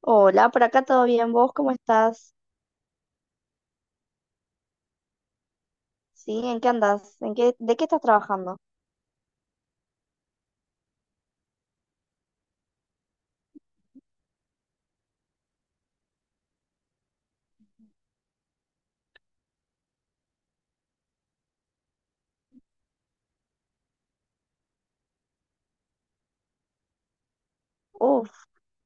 Hola, por acá todo bien. ¿Vos cómo estás? ¿Sí? ¿En qué andás? ¿De qué estás trabajando? Uf,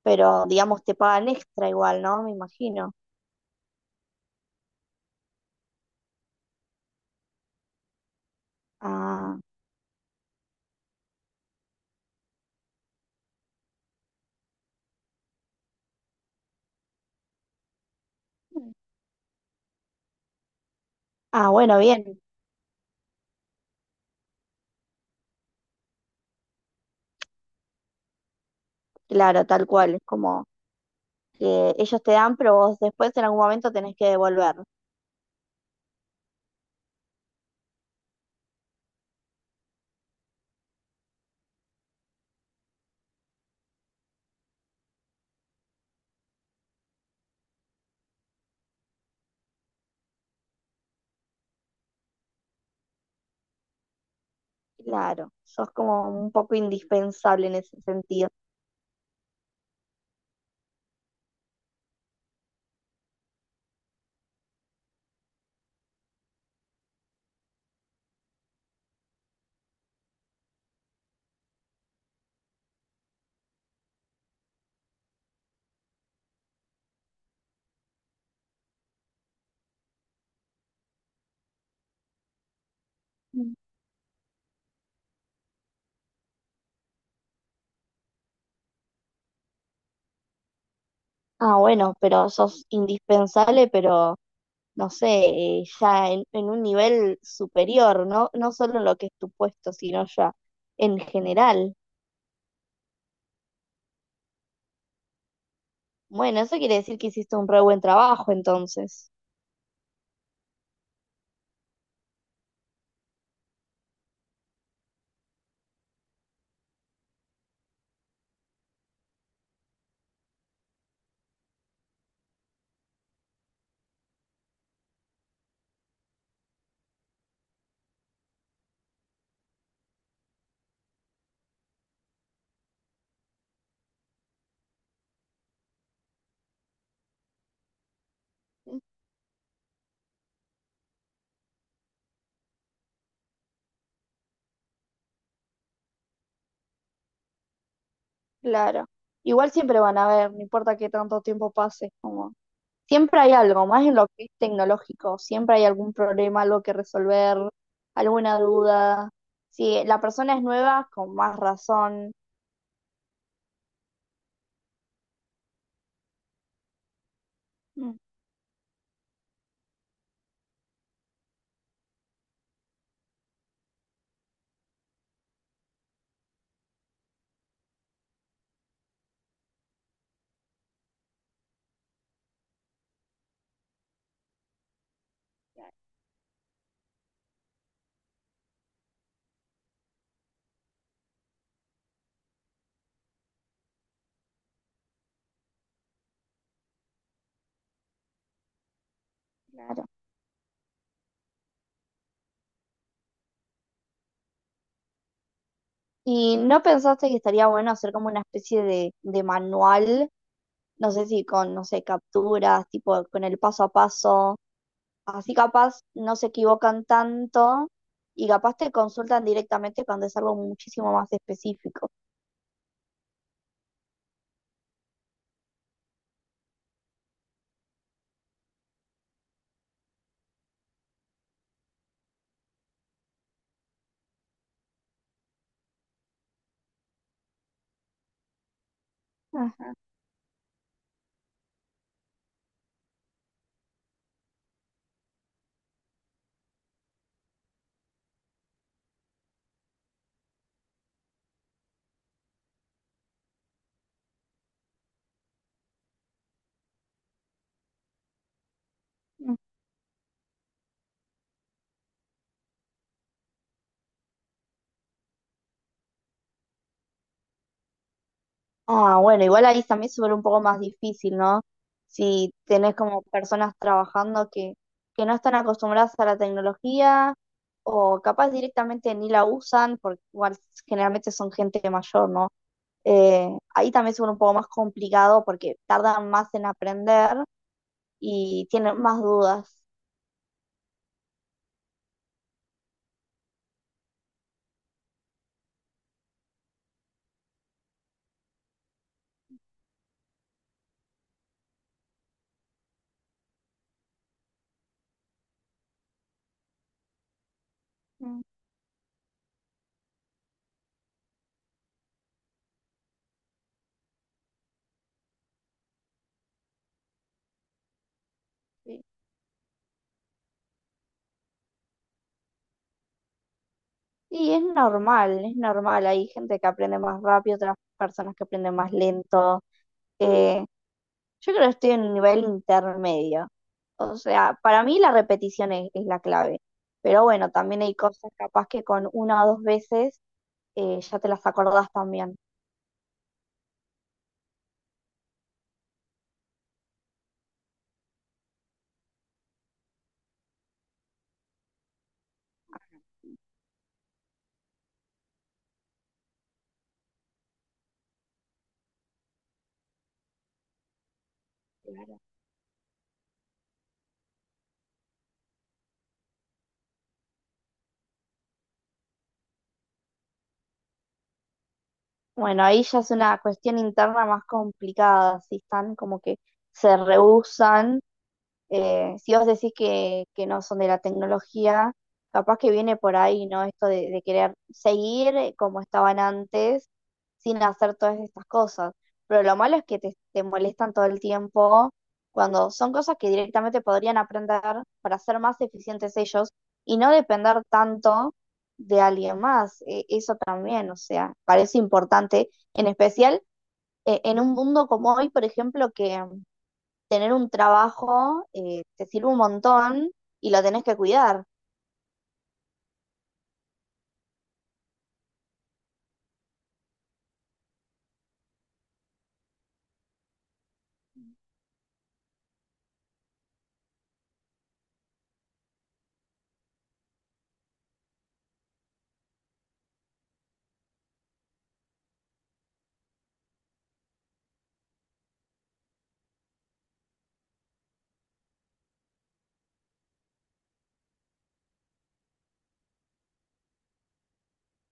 pero digamos te pagan extra igual, ¿no? Me imagino. Ah, ah, bueno, bien. Claro, tal cual. Es como que ellos te dan, pero vos después en algún momento tenés que devolver. Claro, sos como un poco indispensable en ese sentido. Ah, bueno, pero sos indispensable, pero no sé, ya en un nivel superior, ¿no? No solo en lo que es tu puesto, sino ya en general. Bueno, eso quiere decir que hiciste un re buen trabajo, entonces. Claro. Igual siempre van a ver, no importa qué tanto tiempo pase, como siempre hay algo, más en lo que es tecnológico, siempre hay algún problema, algo que resolver, alguna duda. Si la persona es nueva, con más razón. Mm. Claro. ¿Y no pensaste que estaría bueno hacer como una especie de manual? No sé si con, no sé, capturas, tipo con el paso a paso. Así capaz no se equivocan tanto y capaz te consultan directamente cuando es algo muchísimo más específico. Ajá. Ah, bueno, igual ahí también se vuelve un poco más difícil, ¿no? Si tenés como personas trabajando que no están acostumbradas a la tecnología o capaz directamente ni la usan, porque igual generalmente son gente mayor, ¿no? Eh, Ahí también se vuelve un poco más complicado porque tardan más en aprender y tienen más dudas. Mm. Sí, sí, es normal, es normal. Hay gente que aprende más rápido, otras personas que aprenden más lento. Eh, Yo creo que estoy en un nivel intermedio. O sea, para mí la repetición es la clave. Pero bueno, también hay cosas capaz que con una o dos veces ya te las acordás también. Claro. Bueno, ahí ya es una cuestión interna más complicada, si están como que se rehusan. Si vos decís que no son de la tecnología, capaz que viene por ahí, ¿no? Esto de querer seguir como estaban antes sin hacer todas estas cosas. Pero lo malo es que te molestan todo el tiempo cuando son cosas que directamente podrían aprender para ser más eficientes ellos y no depender tanto de alguien más. Eso también, o sea, parece importante, en especial en un mundo como hoy, por ejemplo, que tener un trabajo te sirve un montón y lo tenés que cuidar.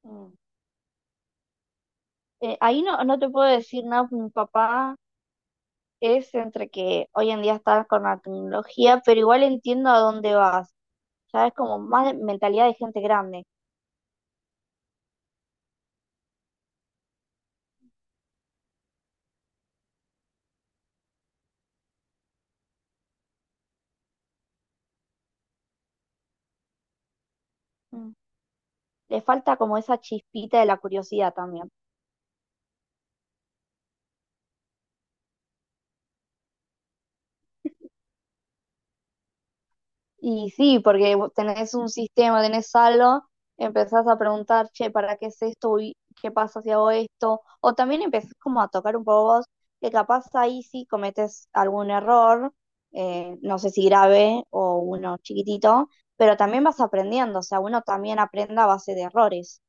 Mm. Ahí no, no te puedo decir nada, porque mi papá es entre que hoy en día estás con la tecnología, pero igual entiendo a dónde vas. Ya es como más mentalidad de gente grande. Mm. Le falta como esa chispita de la curiosidad también. Y sí, porque vos tenés un sistema, tenés algo, empezás a preguntar, che, ¿para qué es esto? Uy, ¿qué pasa si hago esto? O también empezás como a tocar un poco vos, que capaz ahí sí cometes algún error, no sé si grave o uno chiquitito, pero también vas aprendiendo, o sea, uno también aprende a base de errores.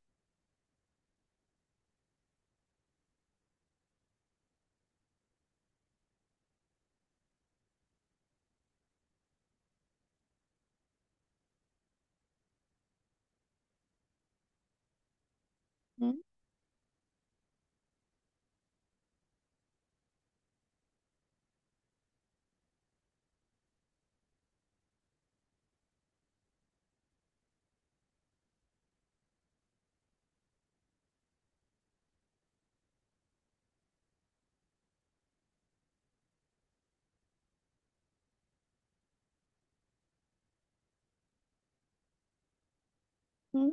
Mm, mm,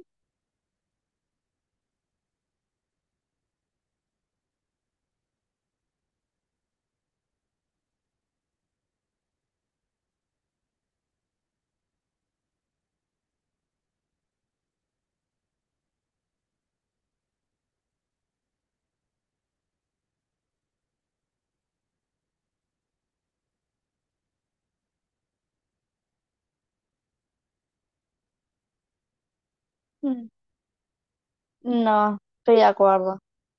mm. No, estoy de acuerdo.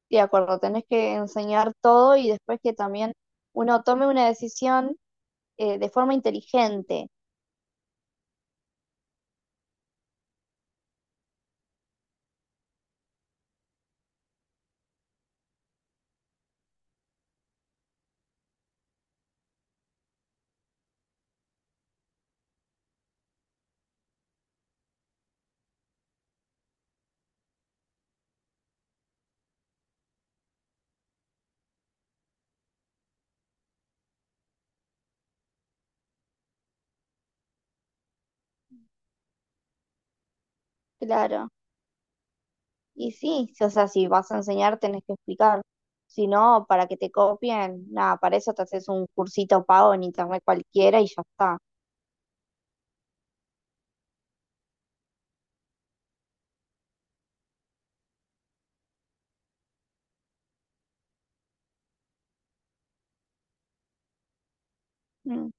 Estoy de acuerdo, tenés que enseñar todo y después que también uno tome una decisión, de forma inteligente. Claro, y sí, o sea, si vas a enseñar tenés que explicar. Si no, para que te copien, nada, para eso te haces un cursito pago en internet cualquiera y ya está. Mm.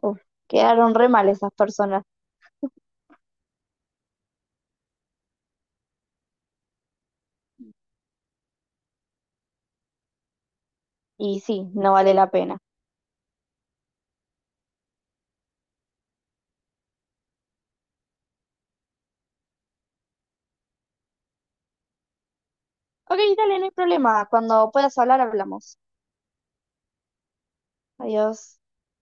Uf, quedaron re mal esas personas. Y sí, no vale la pena. Ok, dale, no hay problema. Cuando puedas hablar, hablamos. Adiós.